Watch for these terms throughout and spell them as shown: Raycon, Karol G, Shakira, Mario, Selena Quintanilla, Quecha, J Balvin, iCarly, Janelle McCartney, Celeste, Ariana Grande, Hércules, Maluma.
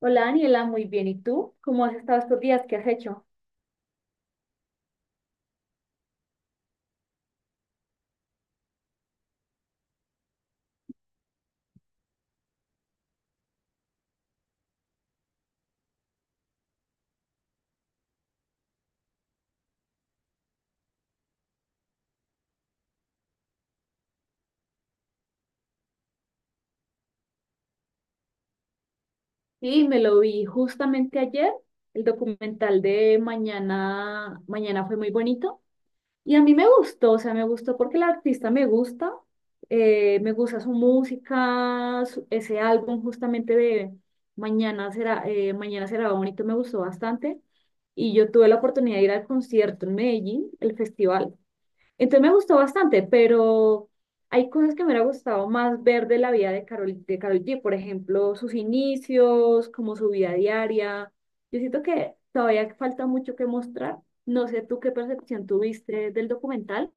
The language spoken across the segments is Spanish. Hola Daniela, muy bien. ¿Y tú? ¿Cómo has estado estos días? ¿Qué has hecho? Sí, me lo vi justamente ayer. El documental de Mañana, Mañana fue muy bonito. Y a mí me gustó, o sea, me gustó porque la artista me gusta. Me gusta su música, ese álbum justamente de Mañana será bonito, me gustó bastante. Y yo tuve la oportunidad de ir al concierto en Medellín, el festival. Entonces me gustó bastante, pero hay cosas que me hubiera gustado más ver de la vida de Carol, de Karol G, por ejemplo, sus inicios, como su vida diaria. Yo siento que todavía falta mucho que mostrar. No sé tú qué percepción tuviste del documental.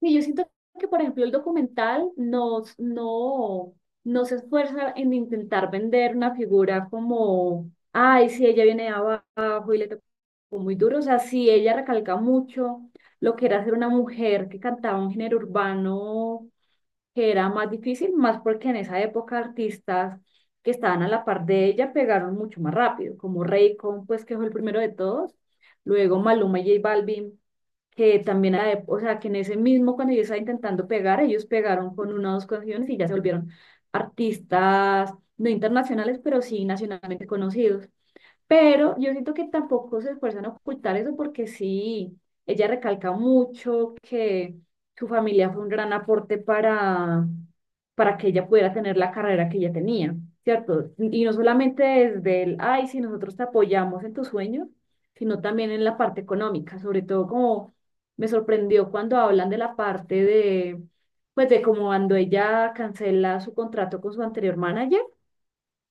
Sí, yo siento que, por ejemplo, el documental nos, no, no se esfuerza en intentar vender una figura como, ay, si ella viene de abajo y le tocó muy duro. O sea, sí, ella recalca mucho lo que era ser una mujer que cantaba un género urbano que era más difícil, más porque en esa época artistas que estaban a la par de ella pegaron mucho más rápido, como Raycon, pues que fue el primero de todos, luego Maluma y J Balvin que también, o sea, que en ese mismo, cuando yo estaba intentando pegar, ellos pegaron con una o dos canciones y ya se volvieron artistas, no internacionales, pero sí nacionalmente conocidos. Pero yo siento que tampoco se esfuerzan a ocultar eso porque sí, ella recalca mucho que su familia fue un gran aporte para que ella pudiera tener la carrera que ella tenía, ¿cierto? Y no solamente desde el, ay, si nosotros te apoyamos en tus sueños, sino también en la parte económica, sobre todo como me sorprendió cuando hablan de la parte de, pues de como cuando ella cancela su contrato con su anterior manager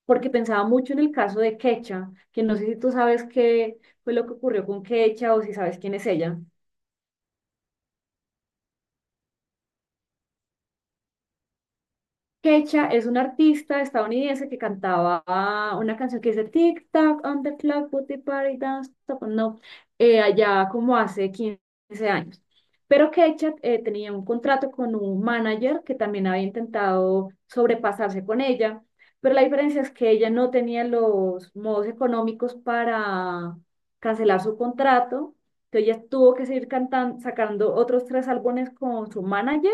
porque pensaba mucho en el caso de Quecha, que no sé si tú sabes qué fue lo que ocurrió con Quecha o si sabes quién es ella. Kecha es una artista estadounidense que cantaba una canción que dice Tic Tac on the clock, put the party down, stop. No, allá como hace 15 años. Pero Kecha tenía un contrato con un manager que también había intentado sobrepasarse con ella, pero la diferencia es que ella no tenía los modos económicos para cancelar su contrato, entonces ella tuvo que seguir cantando, sacando otros tres álbumes con su manager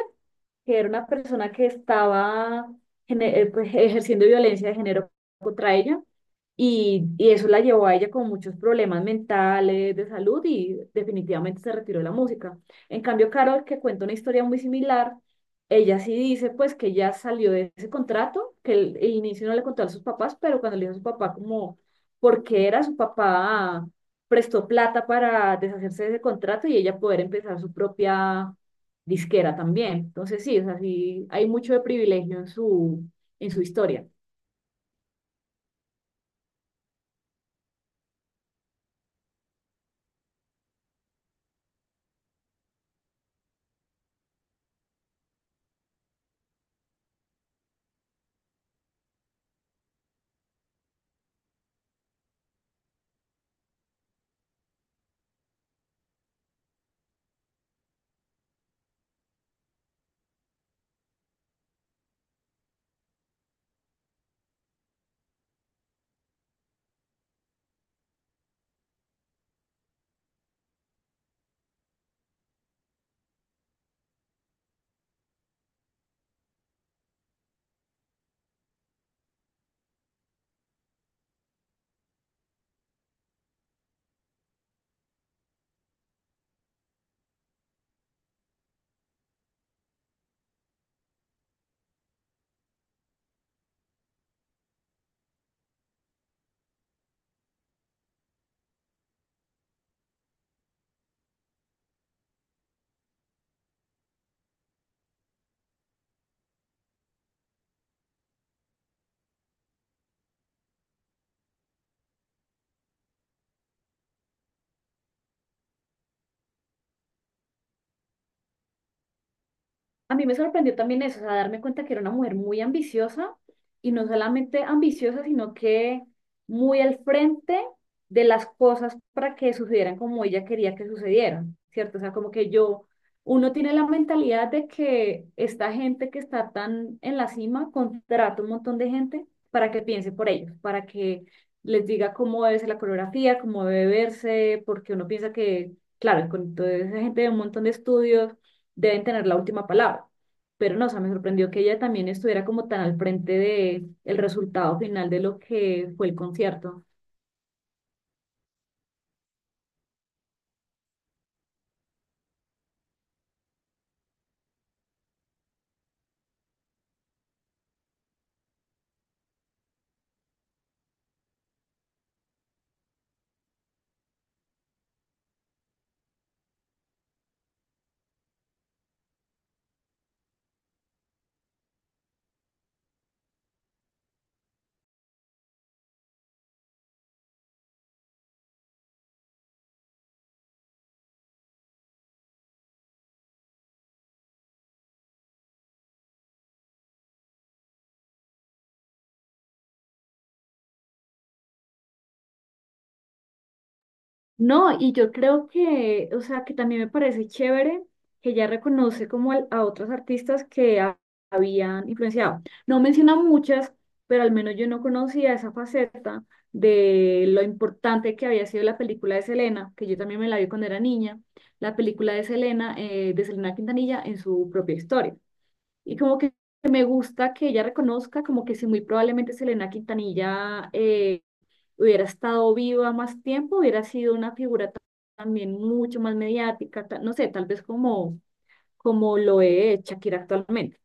que era una persona que estaba pues, ejerciendo violencia de género contra ella y eso la llevó a ella con muchos problemas mentales, de salud y definitivamente se retiró de la música. En cambio, Carol, que cuenta una historia muy similar, ella sí dice pues que ya salió de ese contrato, que el inicio no le contó a sus papás, pero cuando le dijo a su papá como por qué era su papá prestó plata para deshacerse de ese contrato y ella poder empezar su propia disquera también. Entonces sí, o sea, sí, hay mucho de privilegio en en su historia. A mí me sorprendió también eso, o sea, darme cuenta que era una mujer muy ambiciosa y no solamente ambiciosa, sino que muy al frente de las cosas para que sucedieran como ella quería que sucedieran, ¿cierto? O sea, como que yo, uno tiene la mentalidad de que esta gente que está tan en la cima contrata un montón de gente para que piense por ellos, para que les diga cómo debe ser la coreografía, cómo debe verse, porque uno piensa que, claro, con toda esa gente de un montón de estudios deben tener la última palabra. Pero no, o sea, me sorprendió que ella también estuviera como tan al frente de el resultado final de lo que fue el concierto. No, y yo creo que, o sea, que también me parece chévere que ella reconoce como a otros artistas que habían influenciado. No menciona muchas, pero al menos yo no conocía esa faceta de lo importante que había sido la película de Selena, que yo también me la vi cuando era niña, la película de Selena Quintanilla en su propia historia. Y como que me gusta que ella reconozca como que si muy probablemente Selena Quintanilla hubiera estado viva más tiempo, hubiera sido una figura también mucho más mediática, no sé, tal vez como, como lo es Shakira actualmente.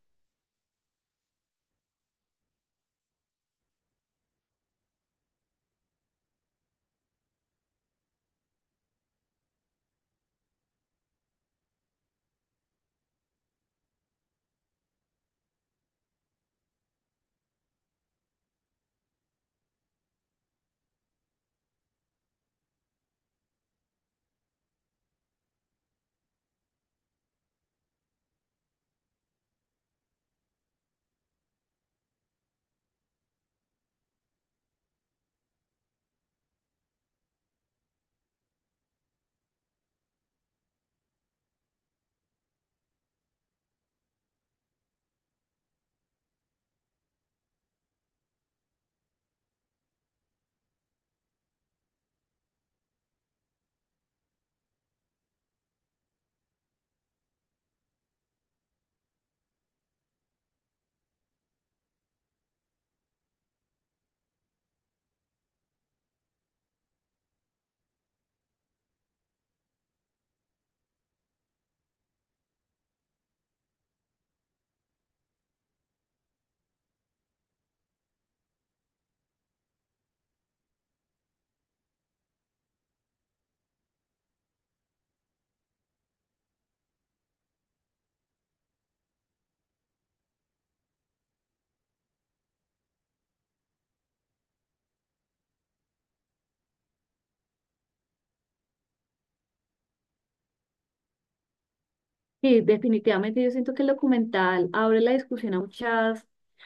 Sí, definitivamente yo siento que el documental abre la discusión a muchas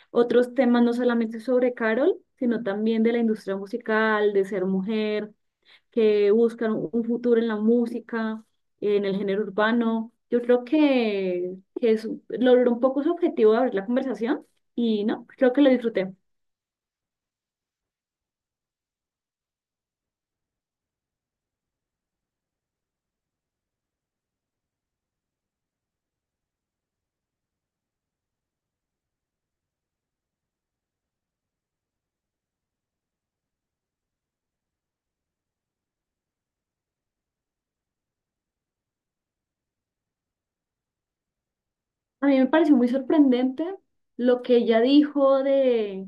otros temas, no solamente sobre Carol, sino también de la industria musical, de ser mujer, que buscan un futuro en la música, en el género urbano. Yo creo que es, logró un poco su objetivo de abrir la conversación y no, creo que lo disfruté. A mí me pareció muy sorprendente lo que ella dijo de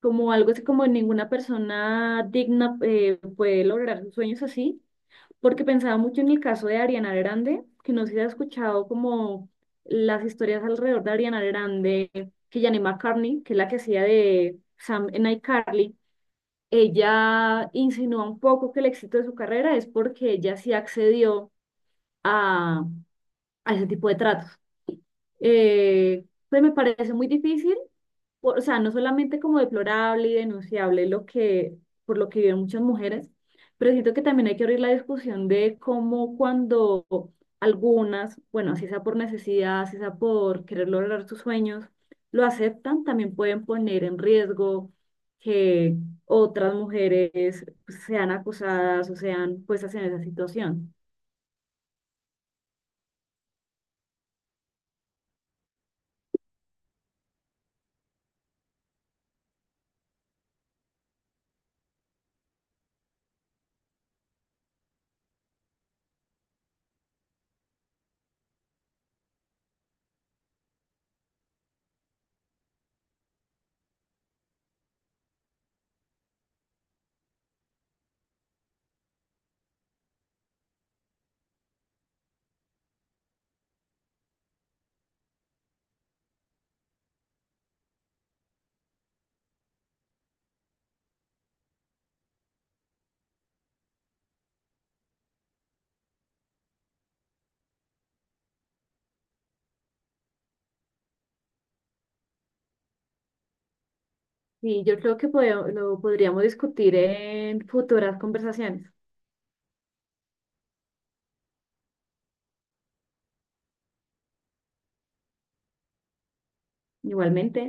como algo así como ninguna persona digna puede lograr sus sueños así. Porque pensaba mucho en el caso de Ariana Grande, que no sé si has escuchado como las historias alrededor de Ariana Grande, que Janelle McCartney, que es la que hacía de Sam en iCarly, ella insinúa un poco que el éxito de su carrera es porque ella sí accedió a, a ese tipo de tratos. Pues me parece muy difícil, o sea, no solamente como deplorable y denunciable lo que, por lo que viven muchas mujeres, pero siento que también hay que abrir la discusión de cómo cuando algunas, bueno, así sea por necesidad, así sea por querer lograr sus sueños, lo aceptan, también pueden poner en riesgo que otras mujeres pues, sean acusadas o sean puestas en esa situación. Sí, yo creo que lo podríamos discutir en futuras conversaciones. Igualmente.